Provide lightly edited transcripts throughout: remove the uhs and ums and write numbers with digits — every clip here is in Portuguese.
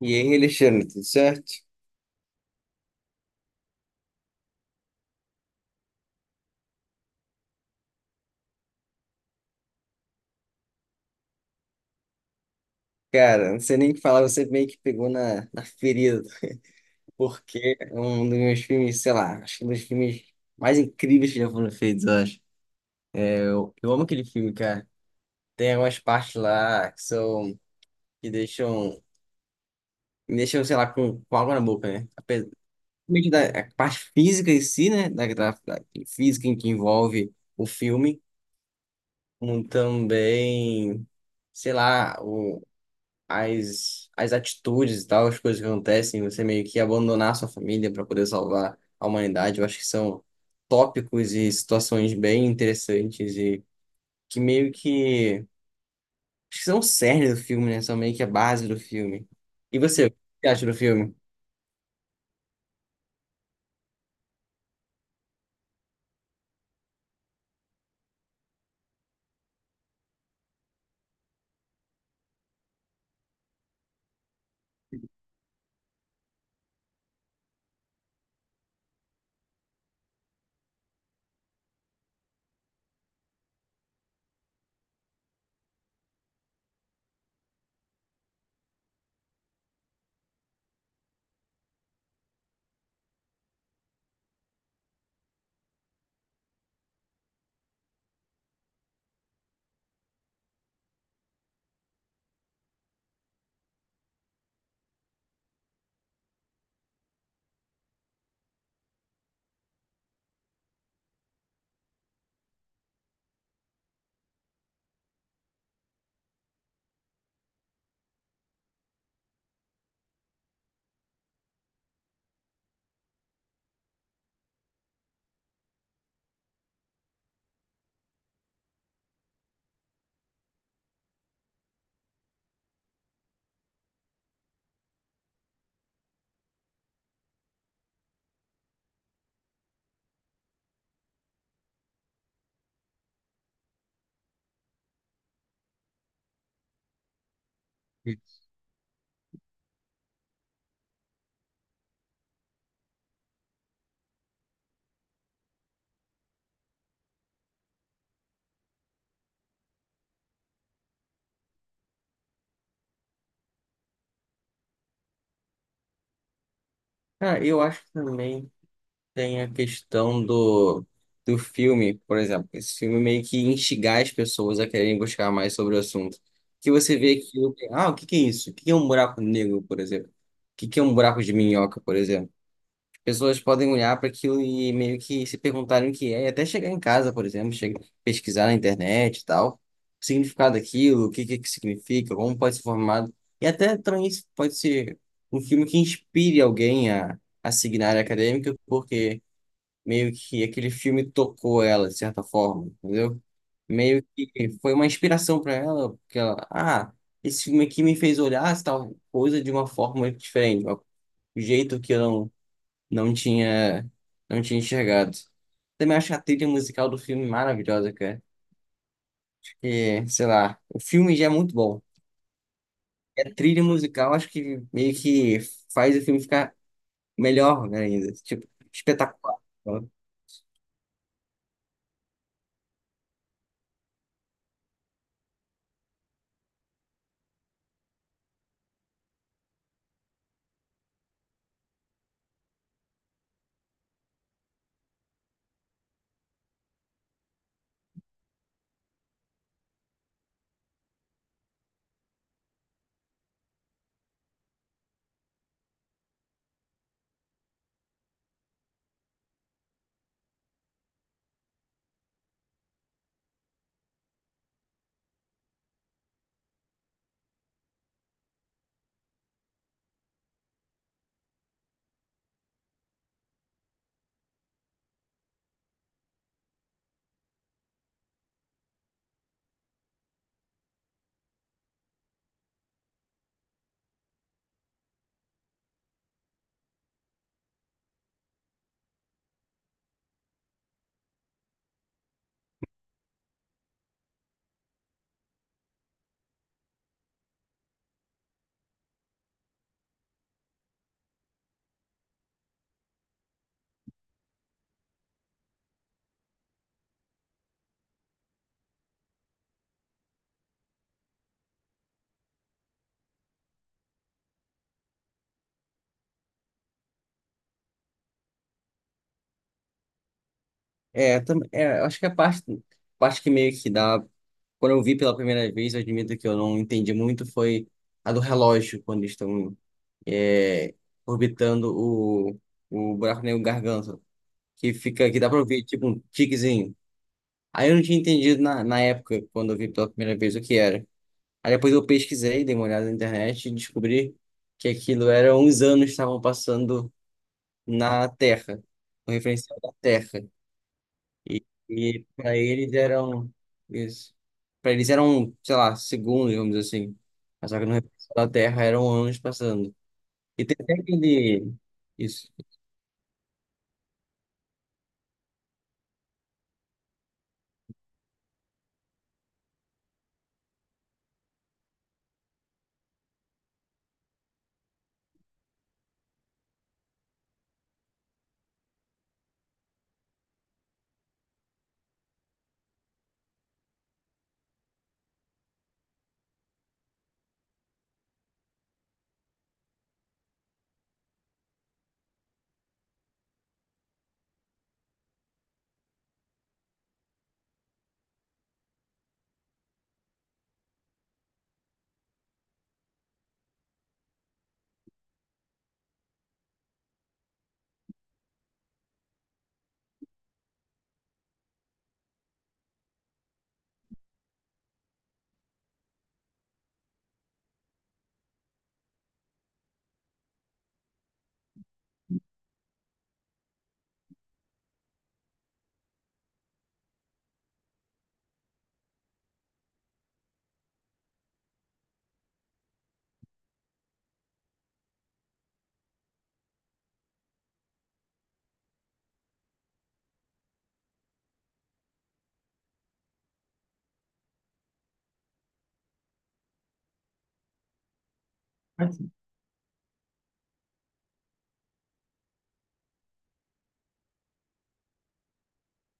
E aí, Alexandre, tudo certo? Cara, não sei nem o que falar, você meio que pegou na ferida, porque é um dos meus filmes, sei lá, acho que é um dos filmes mais incríveis que já foram feitos, eu acho. Eu amo aquele filme, cara. Tem algumas partes lá que são, que deixam, me deixam, sei lá, com água na boca, né? Apesar meio que da a parte física em si, né? Da física em que envolve o filme, como também, sei lá, o as atitudes e tal, as coisas que acontecem, você meio que abandonar sua família para poder salvar a humanidade, eu acho que são tópicos e situações bem interessantes e que meio que, acho que são o cerne do filme, né? São meio que a base do filme. E você, o que você acha do filme? Ah, eu acho também. Tem a questão do filme, por exemplo, esse filme meio que instigar as pessoas a quererem buscar mais sobre o assunto. Que você vê que, ah, o que que é isso? O que que é um buraco negro, por exemplo? O que que é um buraco de minhoca, por exemplo? Pessoas podem olhar para aquilo e meio que se perguntarem o que é, e até chegar em casa, por exemplo, chegar, pesquisar na internet e tal, o significado daquilo, o que que significa, como pode ser formado. E até também isso pode ser um filme que inspire alguém a seguir na área acadêmica, porque meio que aquele filme tocou ela, de certa forma, entendeu? Meio que foi uma inspiração para ela, porque ela, ah, esse filme aqui me fez olhar essa tal coisa de uma forma diferente, um jeito que eu não, não tinha, não tinha enxergado. Também acho a trilha musical do filme maravilhosa, cara. E, sei lá, o filme já é muito bom. E a trilha musical acho que meio que faz o filme ficar melhor ainda, tipo, espetacular. É, é, acho que a parte, parte que meio que dá. Quando eu vi pela primeira vez, eu admito que eu não entendi muito, foi a do relógio, quando eles estão é, orbitando o buraco negro Garganta, que fica, que dá pra ouvir tipo um tiquezinho. Aí eu não tinha entendido na época, quando eu vi pela primeira vez, o que era. Aí depois eu pesquisei, dei uma olhada na internet e descobri que aquilo era uns anos que estavam passando na Terra, um referencial da Terra. E, e para eles eram isso. Para eles eram, sei lá, segundos, vamos dizer assim. Mas só que no resto da Terra eram anos passando. E tem até aquele. Isso.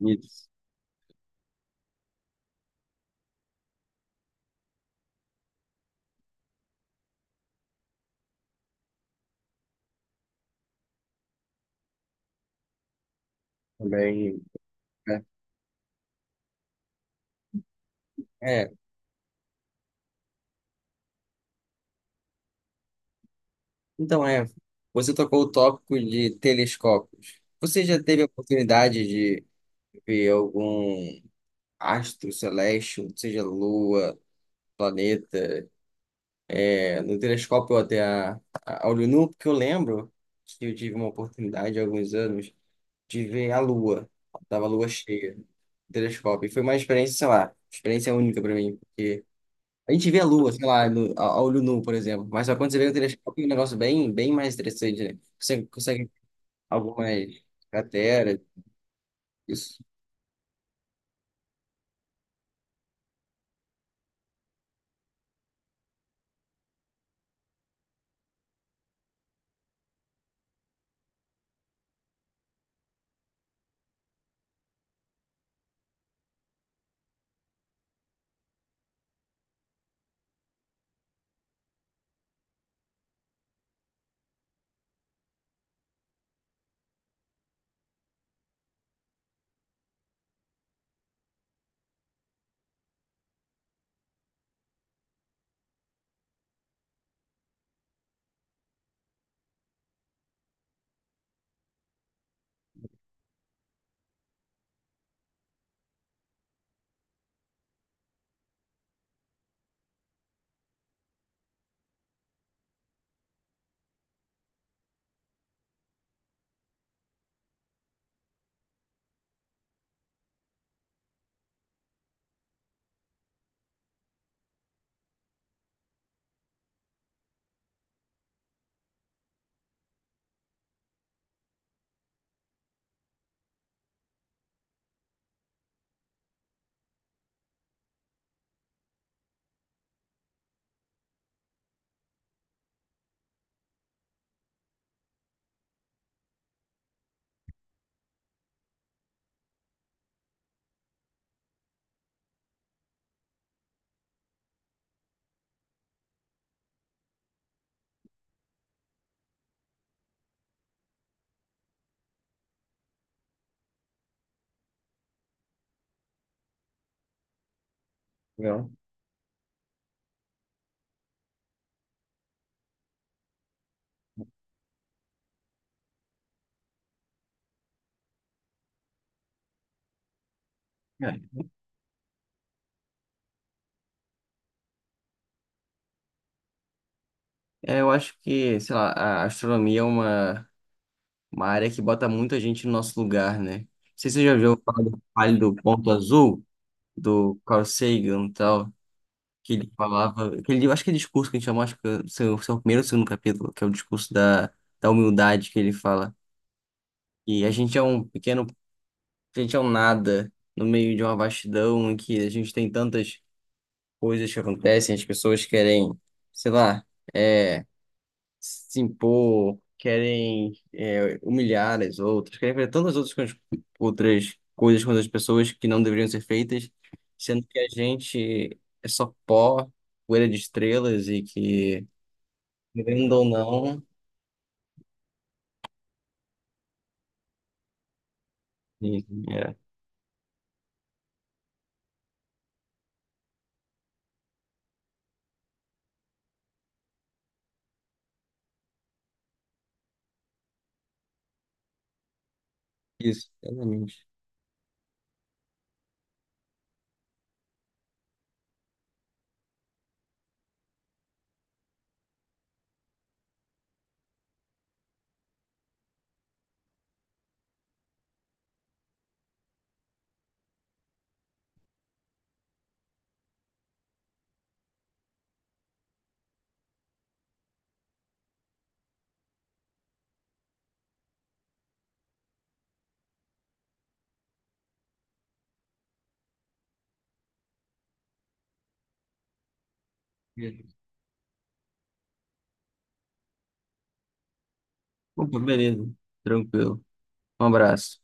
Isso. Também. É. É. Então é. Você tocou o tópico de telescópios. Você já teve a oportunidade de ver algum astro celeste, ou seja, lua, planeta? É, no telescópio ou até olho nu, porque eu lembro que eu tive uma oportunidade há alguns anos de ver a Lua. Tava a Lua cheia no telescópio. E foi uma experiência, sei lá, experiência única para mim, porque a gente vê a Lua, sei lá, no, a olho nu, por exemplo, mas só quando você vê o telescópio é um negócio bem, bem mais interessante, né? Você consegue algumas crateras, isso. Não. É, é, eu acho que, sei lá, a astronomia é uma área que bota muita gente no nosso lugar, né? Não sei se você já ouviu falar do Vale do Ponto Azul, do Carl Sagan e tal, que ele falava, que ele, eu acho que é discurso que a gente chama, acho que é o seu, seu primeiro ou segundo capítulo, que é o discurso da, da humildade que ele fala. E a gente é um pequeno, a gente é um nada no meio de uma vastidão em que a gente tem tantas coisas que acontecem, as pessoas querem, sei lá, é, se impor, querem é, humilhar as outras, querem fazer tantas outras coisas com as pessoas que não deveriam ser feitas, sendo que a gente é só pó, poeira de estrelas e que, querendo ou não, e- é isso, exatamente. Opa, beleza, tranquilo. Um abraço.